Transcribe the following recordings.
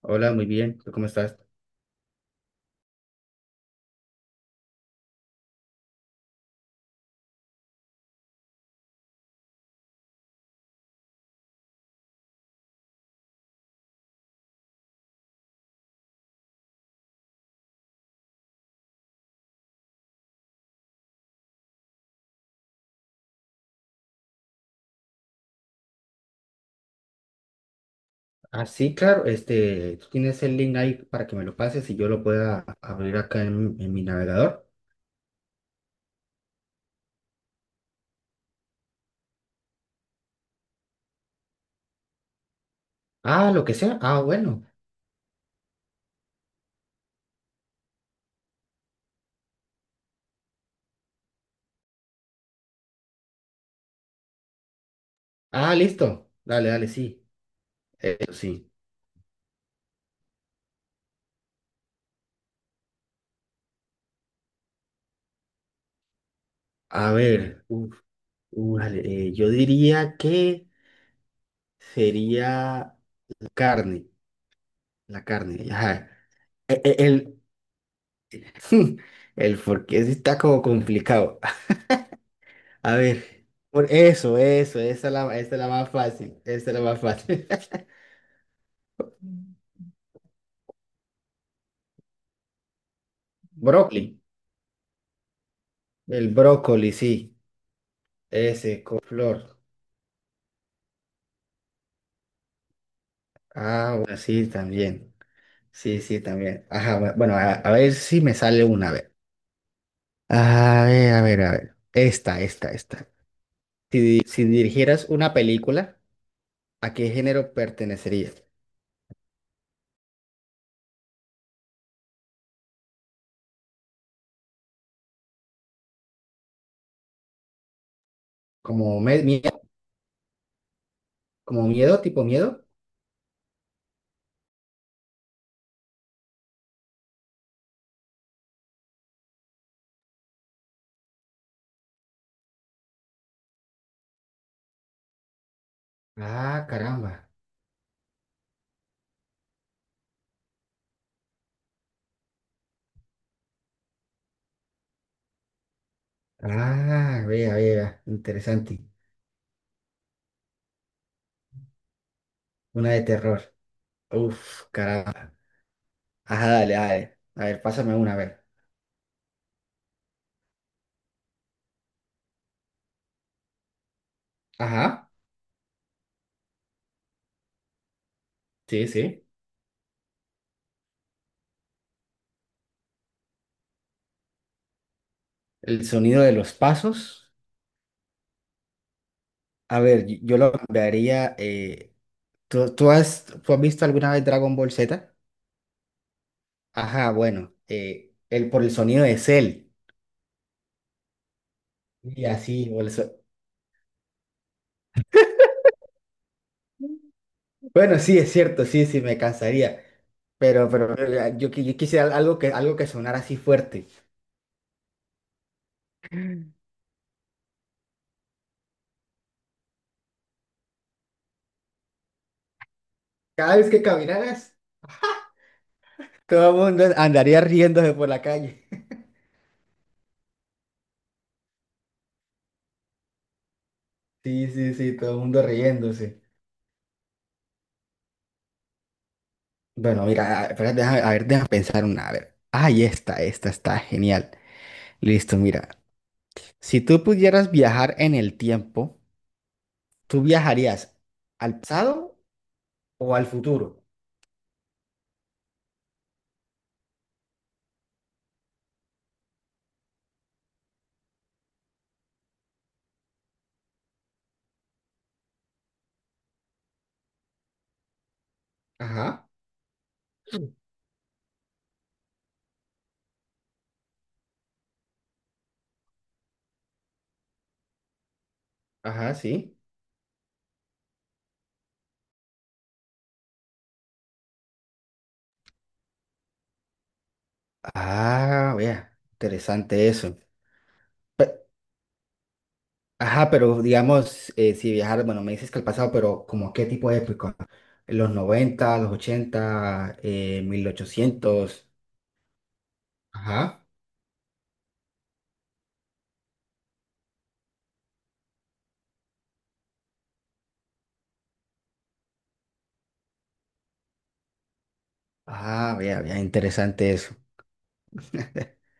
Hola, muy bien. ¿Tú cómo estás? Ah, sí, claro. Este, tú tienes el link ahí para que me lo pases y yo lo pueda abrir acá en mi navegador. Ah, lo que sea. Ah, bueno. Ah, listo. Dale, dale, sí. Sí. A ver, uf, uf, dale, yo diría que sería la carne. La carne. Ajá. E- e- El, porque sí está como complicado. A ver, por eso, eso, esa es la más fácil. Esa es la más fácil. Brócoli. El brócoli, sí. Ese, con flor. Ah, bueno, sí, también. Sí, sí, también. Ajá, bueno, a ver si me sale una vez. A ver, a ver, a ver. Esta, esta, esta. Si dirigieras una película, ¿a qué género pertenecerías? ¿Como miedo? ¿Como miedo, tipo miedo? Ah, caramba. Ah, vea, vea. Interesante. Una de terror. Uf, caramba. Ajá, dale, dale. A ver, pásame una, a ver. Ajá. Sí, sí. El sonido de los pasos. A ver, yo lo cambiaría, ¿tú has visto alguna vez Dragon Ball Z? Ajá, bueno, por el sonido de Cell. Y así, bueno, sí, es cierto, sí, sí, me cansaría. Pero yo quisiera algo que sonara así fuerte. Cada vez que caminaras, todo el mundo andaría riéndose por la calle. Sí, sí, sí, todo el mundo riéndose. Bueno, mira, espera, a ver, déjame pensar una. A ver. Ay, esta está genial. Listo, mira. Si tú pudieras viajar en el tiempo, ¿tú viajarías al pasado o al futuro? Ajá. Ajá, sí. Ah, vea, interesante eso. Pe- ajá, pero digamos, si viajar, bueno, me dices que al pasado, pero ¿como qué tipo de época? ¿los 90, los 80, 1800? Ajá. Ah, vea, vea, interesante eso.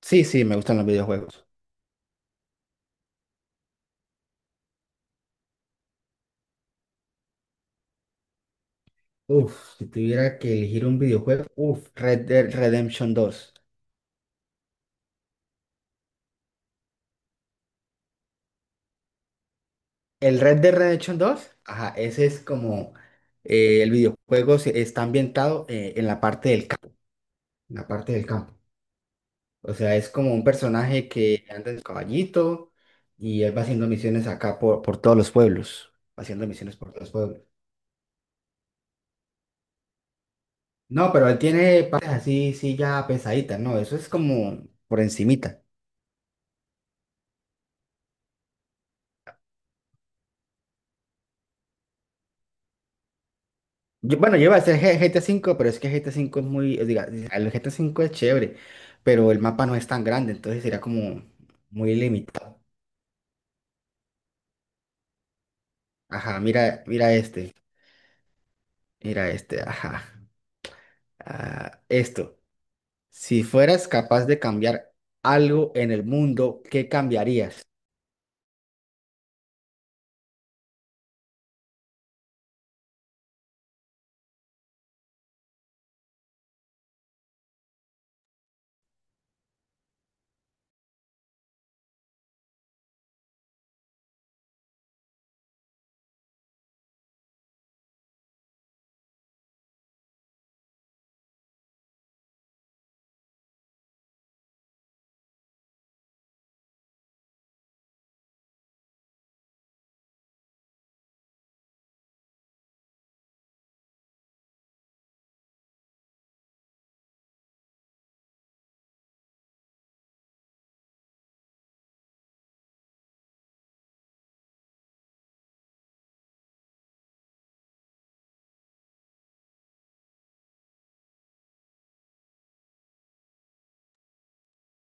Sí, sí, me gustan los videojuegos. Uf, si tuviera que elegir un videojuego, uf, Red Dead Redemption 2. El Red Dead Redemption 2, ajá, ese es como el videojuego está ambientado, en la parte del campo, en la parte del campo. O sea, es como un personaje que anda en su caballito y él va haciendo misiones acá por todos los pueblos, va haciendo misiones por todos los pueblos. No, pero él tiene partes así, sí, ya pesaditas, no, eso es como por encimita. Bueno, yo iba a hacer GTA 5, pero es que GTA 5 es muy, diga, el GTA 5 es chévere, pero el mapa no es tan grande, entonces sería como muy limitado. Ajá, mira, mira este, ajá. Ah, esto, si fueras capaz de cambiar algo en el mundo, ¿qué cambiarías?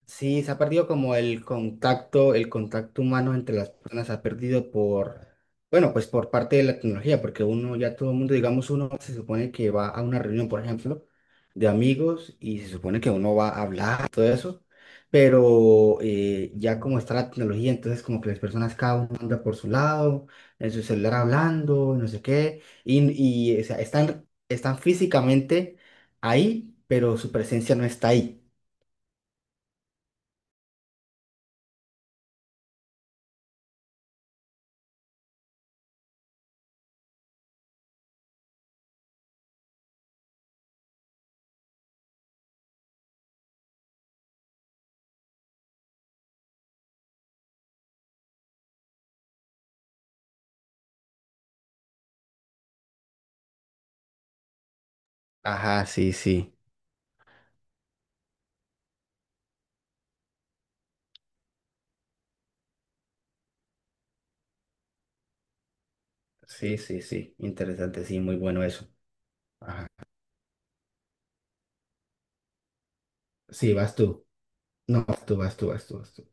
Sí, se ha perdido como el contacto humano entre las personas, se ha perdido bueno, pues por parte de la tecnología, porque uno, ya todo el mundo, digamos, uno se supone que va a una reunión, por ejemplo, de amigos y se supone que uno va a hablar, todo eso, pero ya como está la tecnología, entonces como que las personas cada uno anda por su lado, en su celular hablando, no sé qué, y o sea, están físicamente ahí, pero su presencia no está ahí. Ajá, sí, sí. Sí, sí, sí. Interesante, sí, muy bueno eso. Ajá. Sí, vas tú. No, vas tú, vas tú, vas tú, vas tú.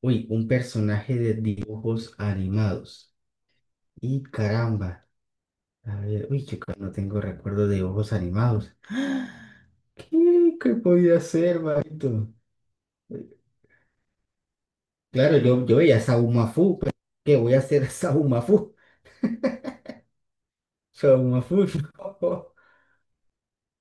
Uy, un personaje de dibujos animados. Y caramba. A ver, uy, chico, no tengo recuerdo de dibujos animados. ¿Qué podía ser, manito? Claro, yo veía Saumafu, pero ¿qué voy a hacer Saumafu? Saumafu, no.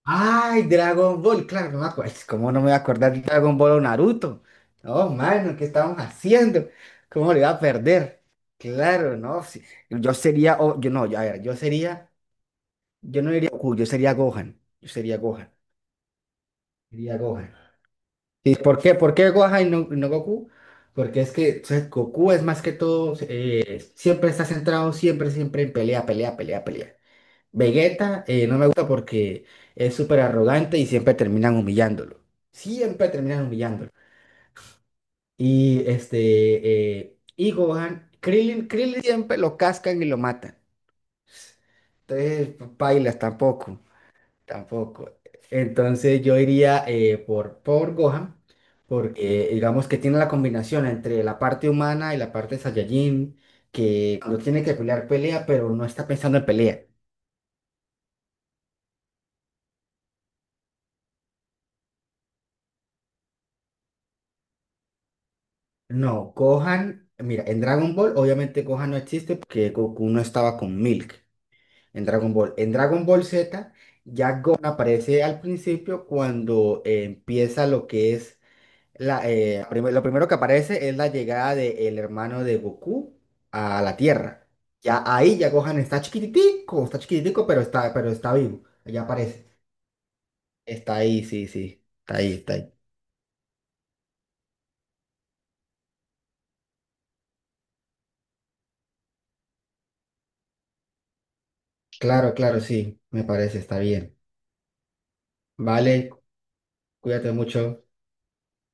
Ay, Dragon Ball, claro, no me acuerdo. ¿Cómo no me voy a acordar de Dragon Ball o Naruto? No, mano, ¿qué estamos haciendo? ¿Cómo le iba a perder? Claro, no. Sí. Yo sería, yo no, yo, a ver, yo sería, yo no diría Goku, yo sería Gohan. Yo sería Gohan. Sería Gohan. ¿Y por qué? ¿Por qué Gohan y no, Goku? Porque es que o sea, Goku es más que todo, siempre está centrado, siempre, siempre en pelea, pelea, pelea, pelea. Vegeta, no me gusta porque es súper arrogante y siempre terminan humillándolo. Siempre terminan humillándolo. Y este, y Gohan, Krillin siempre lo cascan y lo matan. Entonces, pailas tampoco, tampoco. Entonces yo iría, por Gohan, porque digamos que tiene la combinación entre la parte humana y la parte Saiyajin, que cuando tiene que pelear pelea, pero no está pensando en pelea. No, Gohan, mira, en Dragon Ball obviamente Gohan no existe porque Goku no estaba con Milk en Dragon Ball. En Dragon Ball Z ya Gohan aparece al principio cuando empieza lo que es lo primero que aparece es la llegada del hermano de Goku a la Tierra. Ya ahí ya Gohan está chiquitico, pero está vivo. Ya aparece. Está ahí, sí, sí. Está ahí, está ahí. Claro, claro, sí. Me parece, está bien. Vale, cuídate mucho.